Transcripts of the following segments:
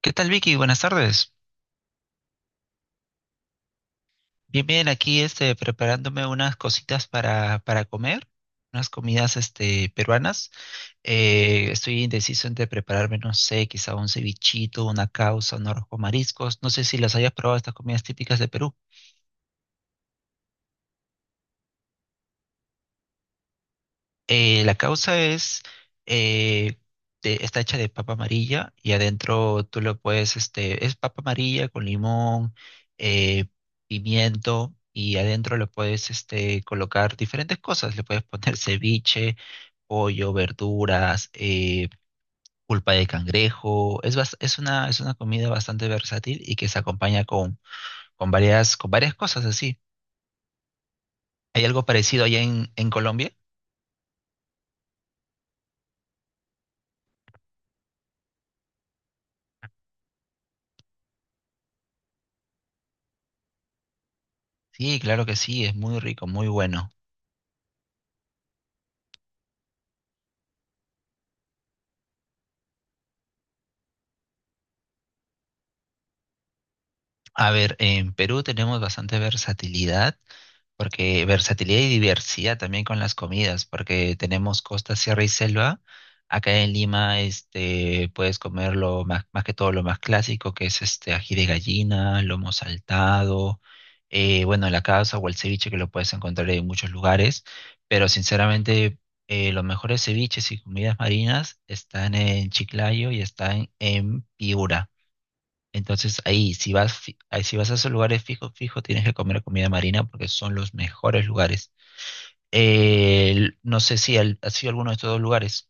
¿Qué tal, Vicky? Buenas tardes. Bien, bien, aquí preparándome unas cositas para comer, unas comidas peruanas. Estoy indeciso entre prepararme, no sé, quizá un cevichito, una causa, un arroz con mariscos. No sé si las hayas probado estas comidas típicas de Perú. La causa es, eh, está hecha de papa amarilla y adentro tú lo puedes, este, es papa amarilla con limón, eh, pimiento y adentro lo puedes, este, colocar diferentes cosas. Le puedes poner ceviche, pollo, verduras, pulpa de cangrejo. Es una comida bastante versátil y que se acompaña con varias cosas así. ¿Hay algo parecido allá en Colombia? Sí, claro que sí, es muy rico, muy bueno. A ver, en Perú tenemos bastante versatilidad, porque versatilidad y diversidad también con las comidas, porque tenemos costa, sierra y selva. Acá en Lima, este, puedes comer lo más, más que todo lo más clásico, que es este ají de gallina, lomo saltado, bueno, la causa o el ceviche que lo puedes encontrar en muchos lugares, pero sinceramente los mejores ceviches y comidas marinas están en Chiclayo y están en Piura. Entonces ahí, ahí, si vas a esos lugares fijos, fijo, tienes que comer comida marina porque son los mejores lugares. No sé si has sido alguno de estos dos lugares.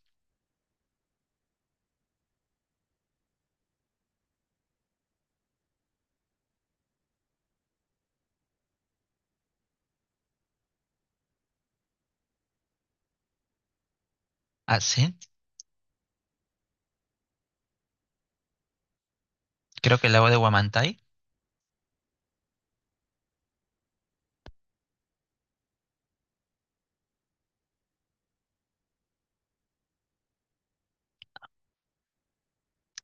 Ah, sí, creo que el lago de Guamantay.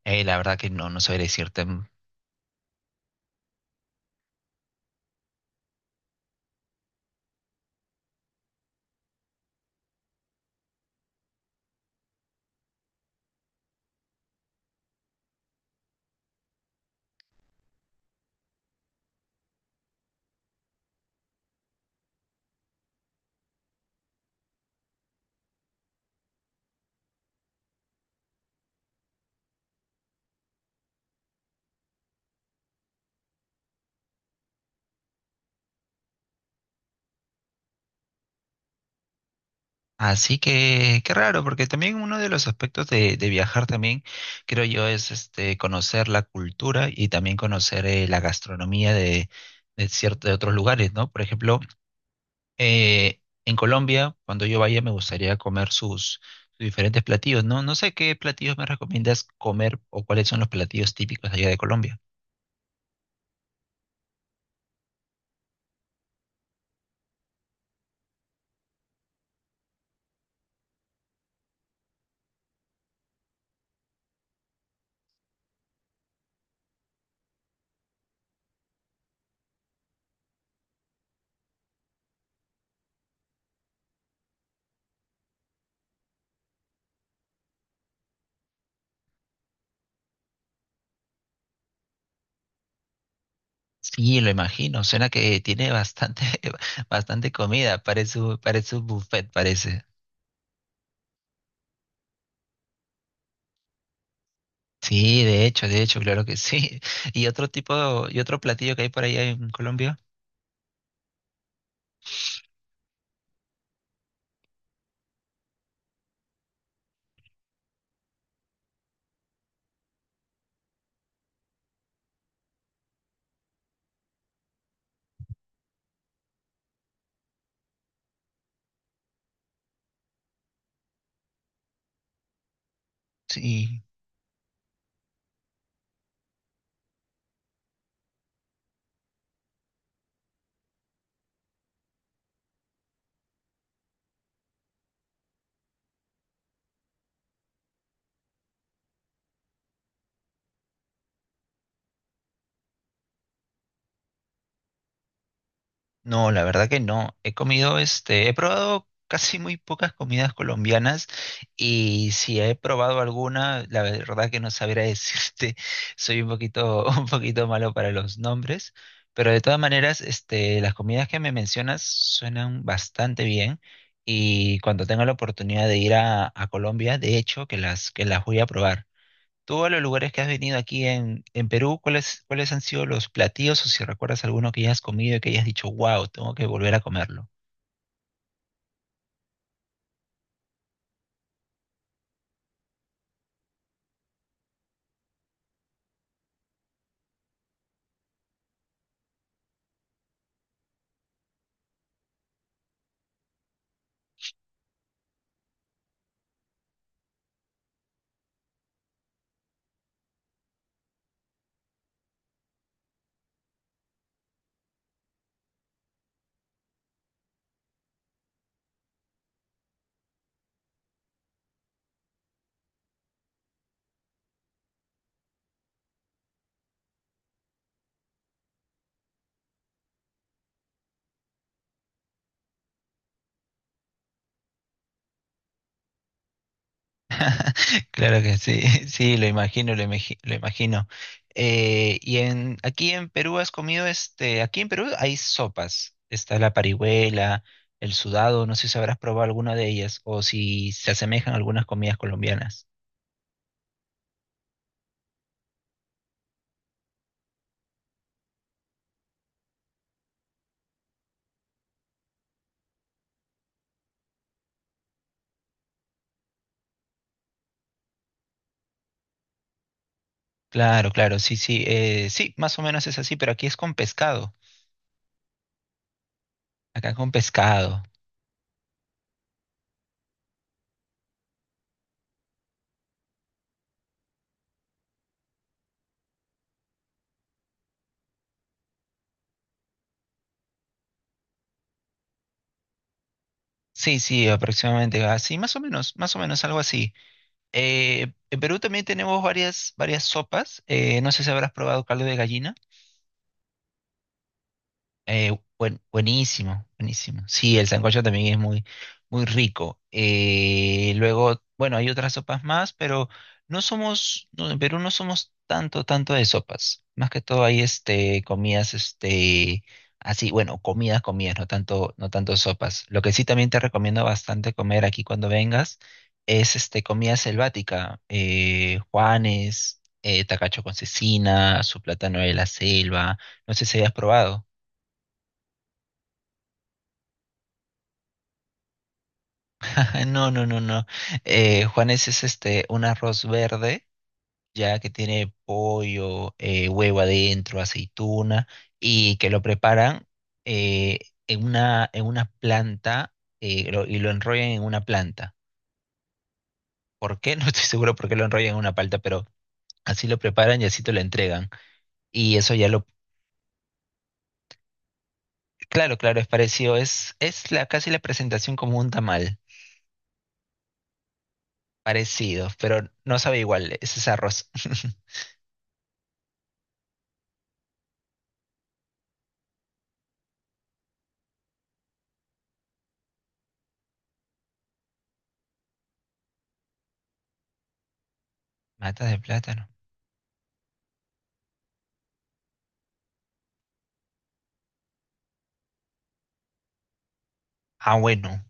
La verdad que no, no sabría decirte. Así que, qué raro, porque también uno de los aspectos de viajar también, creo yo, es este, conocer la cultura y también conocer la gastronomía de ciertos de otros lugares, ¿no? Por ejemplo, en Colombia, cuando yo vaya, me gustaría comer sus, sus diferentes platillos, ¿no? No sé qué platillos me recomiendas comer o cuáles son los platillos típicos allá de Colombia. Sí, lo imagino. Suena que tiene bastante, bastante comida. Parece, parece un buffet, parece. Sí, de hecho, claro que sí. ¿Y otro tipo, y otro platillo que hay por allá en Colombia? Sí. No, la verdad que no. He comido, este, he probado casi muy pocas comidas colombianas y si he probado alguna, la verdad que no sabría decirte. Soy un poquito, un poquito malo para los nombres, pero de todas maneras, este, las comidas que me mencionas suenan bastante bien y cuando tenga la oportunidad de ir a Colombia, de hecho, que las voy a probar. Tú a los lugares que has venido aquí en Perú, ¿cuáles, cuáles han sido los platillos o si recuerdas alguno que hayas comido y que hayas dicho, wow, tengo que volver a comerlo? Claro que sí, sí, lo imagino, lo imagino. Aquí en Perú has comido, este, aquí en Perú hay sopas. Está la parihuela, el sudado, no sé si habrás probado alguna de ellas o si se asemejan a algunas comidas colombianas. Claro, claro, sí, sí, sí, más o menos es así, pero aquí es con pescado. Acá con pescado. Sí, sí, aproximadamente así, más o menos algo así. En Perú también tenemos varias, varias sopas. No sé si habrás probado caldo de gallina. Buenísimo, buenísimo. Sí, el sancocho también es muy, muy rico. Luego, bueno, hay otras sopas más, pero no somos, no, en Perú no somos tanto, tanto de sopas. Más que todo hay este, comidas, este, así, bueno, comidas, comidas, no tanto, no tanto sopas. Lo que sí también te recomiendo bastante comer aquí cuando vengas es este, comida selvática, Juanes, tacacho con cecina, su plátano de la selva. No sé si hayas probado. Ah, no, no, no, no. Juanes es este un arroz verde, ya que tiene pollo, huevo adentro, aceituna, y que lo preparan eh, en una planta y lo enrollan en una planta. ¿Por qué? No estoy seguro por qué lo enrollan en una planta, pero así lo preparan y así te lo entregan. Y eso ya lo, claro, claro, es parecido, es la, casi la presentación como un tamal, parecido, pero no sabe igual, ese es arroz. Mata de plátano. Ah, bueno.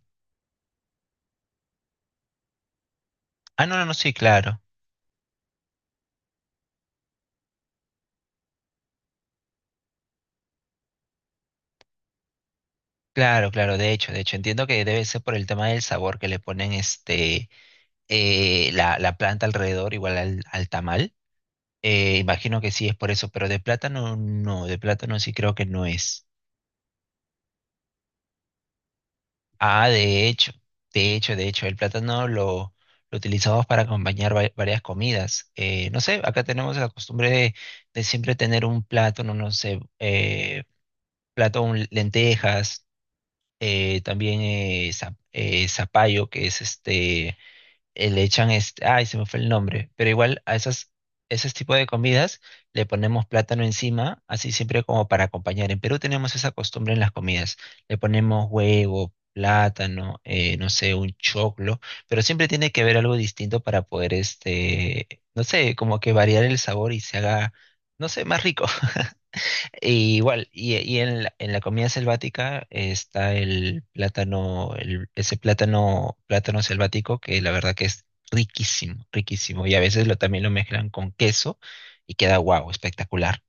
Ah, no, no, no, sí, claro. Claro, claro, de hecho, entiendo que debe ser por el tema del sabor que le ponen este la planta alrededor, igual al, al tamal. Imagino que sí es por eso, pero de plátano no, de plátano sí creo que no es. Ah, de hecho, de hecho, de hecho, el plátano lo utilizamos para acompañar varias comidas. No sé, acá tenemos la costumbre de siempre tener un plátano, no sé, plato con lentejas también zapallo, que es este, le echan este, ay, se me fue el nombre, pero igual a esas, esos tipos de comidas le ponemos plátano encima, así siempre como para acompañar. En Perú tenemos esa costumbre en las comidas, le ponemos huevo, plátano, no sé, un choclo, pero siempre tiene que haber algo distinto para poder, este, no sé, como que variar el sabor y se haga, no sé, más rico. Y igual, y en la comida selvática está el plátano, ese plátano, plátano selvático que la verdad que es riquísimo, riquísimo. Y a veces lo, también lo mezclan con queso y queda guau, espectacular.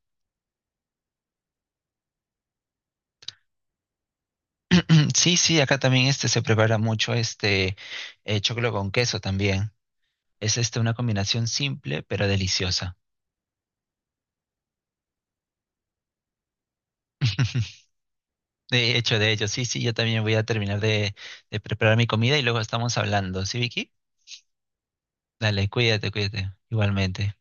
Sí, sí, acá también este se prepara mucho este choclo con queso también. Es este una combinación simple pero deliciosa. De hecho, sí, sí, yo también voy a terminar de preparar mi comida y luego estamos hablando. ¿Sí, Vicky? Dale, cuídate, cuídate. Igualmente.